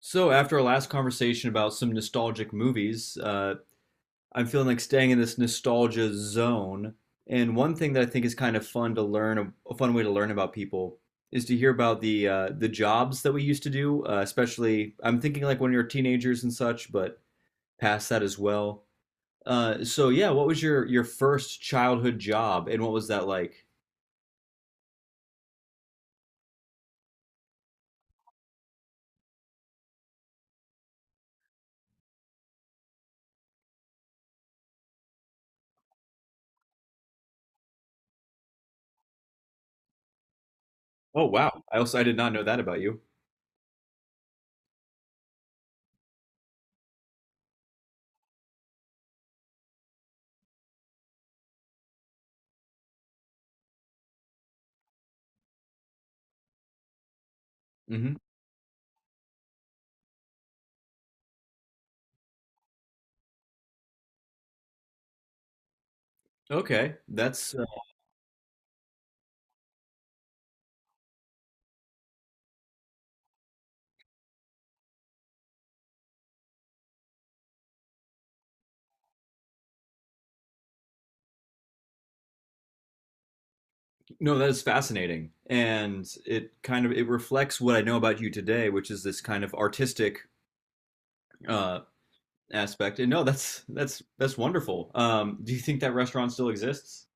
So, after our last conversation about some nostalgic movies, I'm feeling like staying in this nostalgia zone. And one thing that I think is kind of fun to learn, a fun way to learn about people, is to hear about the jobs that we used to do. Especially, I'm thinking like when you're teenagers and such, but past that as well. So, yeah, what was your first childhood job, and what was that like? Oh, wow! I also I did not know that about you. Hmm. Okay, that's no, that is fascinating. And it kind of it reflects what I know about you today, which is this kind of artistic uh aspect. And no, that's wonderful. Do you think that restaurant still exists?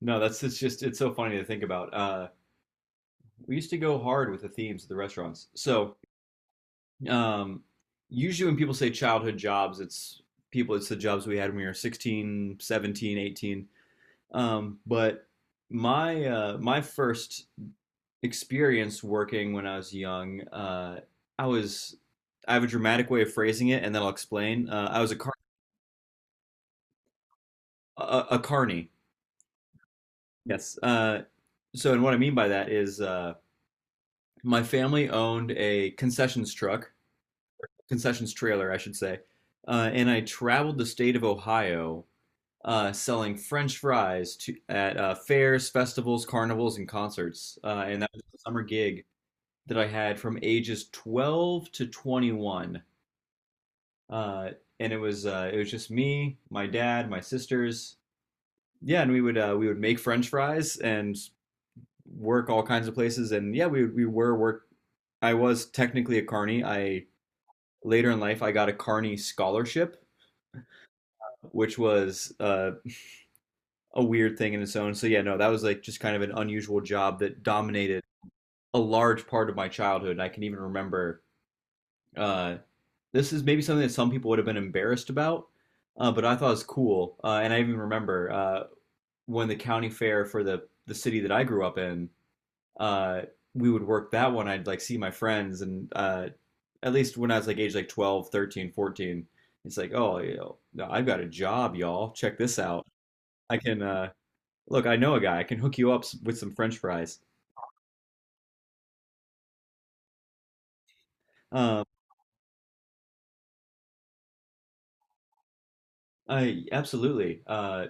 No, that's it's just, it's so funny to think about. We used to go hard with the themes of the restaurants. So, um, usually when people say childhood jobs, it's the jobs we had when we were 16, 17, 18. But my first experience working when I was young, I was I have a dramatic way of phrasing it, and then I'll explain. I was a carny. Yes. So, and what I mean by that is my family owned a concessions truck, concessions trailer, I should say, and I traveled the state of Ohio, selling French fries to at, fairs, festivals, carnivals, and concerts. And that was a summer gig that I had from ages 12 to 21. Uh, and it was just me, my dad, my sisters. Yeah, and we would make French fries and work all kinds of places. And yeah, we were work. I was technically a carny. I Later in life, I got a carny scholarship, which was a weird thing in its own. So yeah, no, that was like just kind of an unusual job that dominated a large part of my childhood. And I can even remember, uh, this is maybe something that some people would have been embarrassed about, but I thought it was cool. And I even remember, when the county fair for the city that I grew up in, uh, we would work that one. I'd like see my friends, and at least when I was like age like 12, 13, 14, 13, it's like, oh, you know, no, I've got a job, y'all. Check this out. I can, look, I know a guy. I can hook you up with some French fries. Um, I absolutely.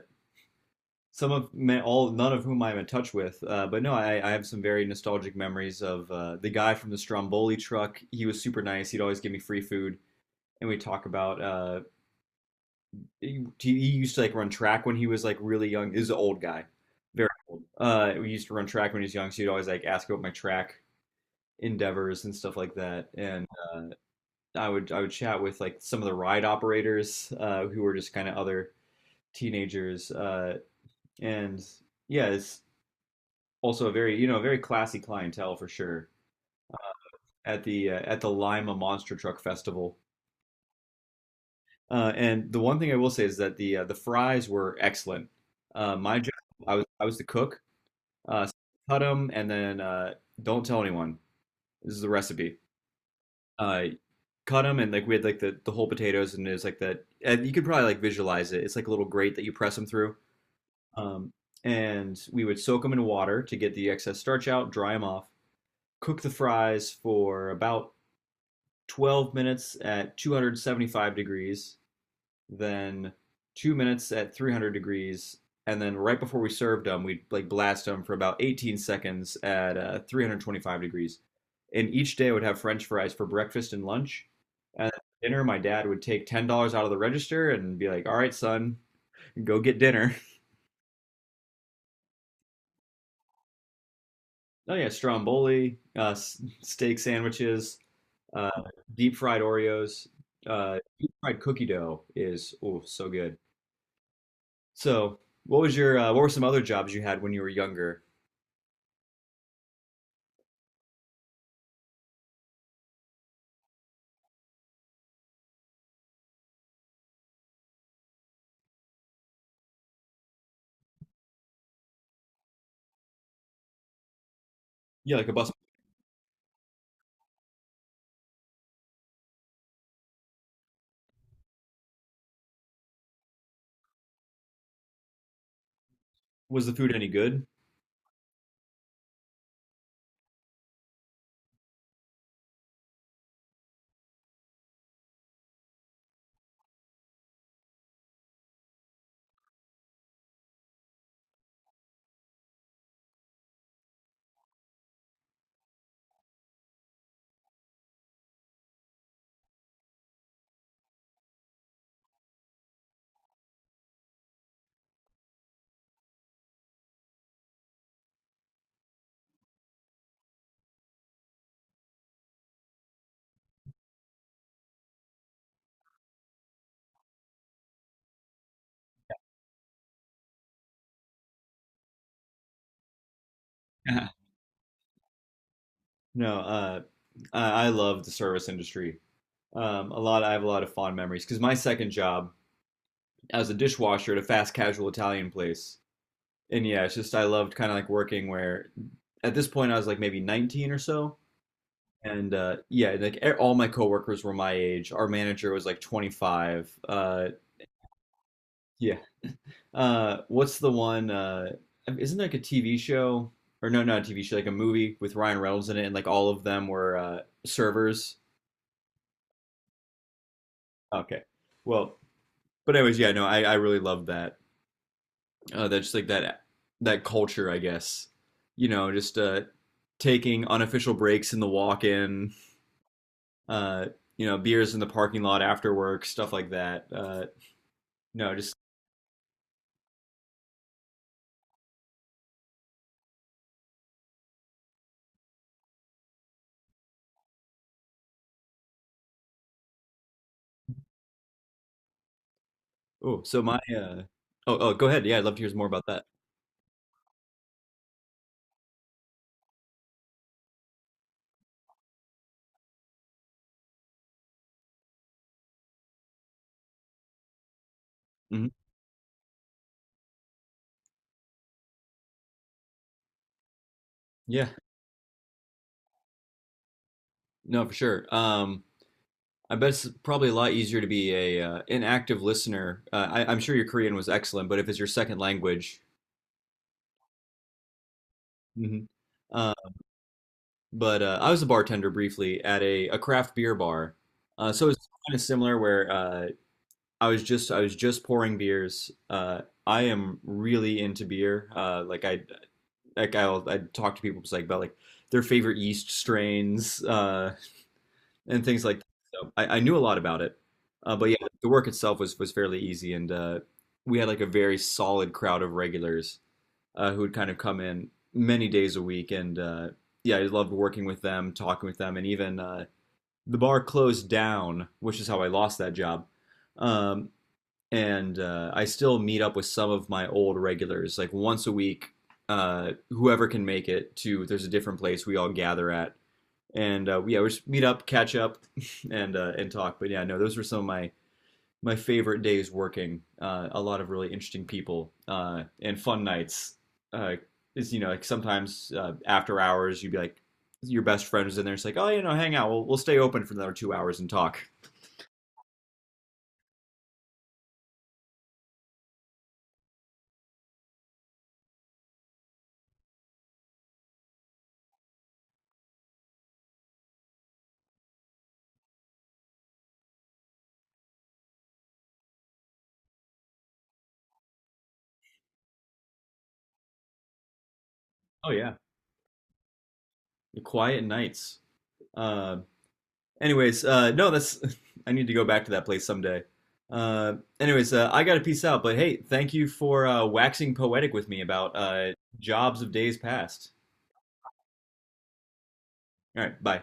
All, none of whom I'm in touch with, but no, I have some very nostalgic memories of the guy from the Stromboli truck. He was super nice. He'd always give me free food, and we talk about, he used to like run track when he was like really young. This is an old guy, very old. We used to run track when he was young, so he'd always like ask about my track endeavors and stuff like that. And uh, I would chat with like some of the ride operators, who were just kind of other teenagers. And yeah, it's also a very, very classy clientele for sure at the Lima Monster Truck Festival. And the one thing I will say is that the fries were excellent. My job, I was the cook. Uh, Cut them, and then don't tell anyone. This is the recipe. Uh, Cut them, and like we had like the whole potatoes, and it's like that. And you could probably like visualize it. It's like a little grate that you press them through. Um, and we would soak them in water to get the excess starch out, dry them off, cook the fries for about 12 minutes at 275 degrees, then 2 minutes at 300 degrees, and then right before we served them, we'd like blast them for about 18 seconds at 325 degrees. And each day I would have French fries for breakfast and lunch. And at dinner, my dad would take $10 out of the register and be like, "All right, son, go get dinner." Oh yeah, stromboli, steak sandwiches, uh, deep fried Oreos, deep fried cookie dough is oh so good. So, what was your what were some other jobs you had when you were younger? Yeah, like a bus. Was the food any good? No, I love the service industry. A lot. I have a lot of fond memories because my second job as a dishwasher at a fast casual Italian place. And yeah, it's just I loved kind of like working where at this point I was like maybe 19 or so. And yeah, like all my coworkers were my age. Our manager was like 25. Yeah. What's the one? Isn't there like a TV show, or no, not a TV show, like a movie with Ryan Reynolds in it, and like all of them were, servers. Okay. Well, but anyways, yeah, no, I really loved that. That's like that culture, I guess. Just taking unofficial breaks in the walk-in, uh, beers in the parking lot after work, stuff like that. No, just oh, go ahead. Yeah, I'd love to hear more about that. Hmm. Yeah, no, for sure. I bet it's probably a lot easier to be a an active listener. I'm sure your Korean was excellent, but if it's your second language. Hmm. But I was a bartender briefly at a craft beer bar. So it's kind of similar where I was just pouring beers. I am really into beer. Like, I talk to people just like about like their favorite yeast strains, and things like that. So I knew a lot about it. But yeah, the work itself was fairly easy, and we had like a very solid crowd of regulars, who would kind of come in many days a week, and yeah, I loved working with them, talking with them, and even, the bar closed down, which is how I lost that job. Um, and I still meet up with some of my old regulars, like once a week. Whoever can make it there's a different place we all gather at, and yeah, we just meet up, catch up, and talk. But yeah, no, those were some of my favorite days working. A lot of really interesting people, and fun nights. Uh, is you know Like, sometimes after hours you'd be like your best friend was in there. It's like, "Oh, hang out. We'll stay open for another 2 hours and talk." Oh yeah. The quiet nights. Uh, Anyways, no, that's I need to go back to that place someday. Anyways, I gotta peace out. But hey, thank you for waxing poetic with me about jobs of days past. All right, bye.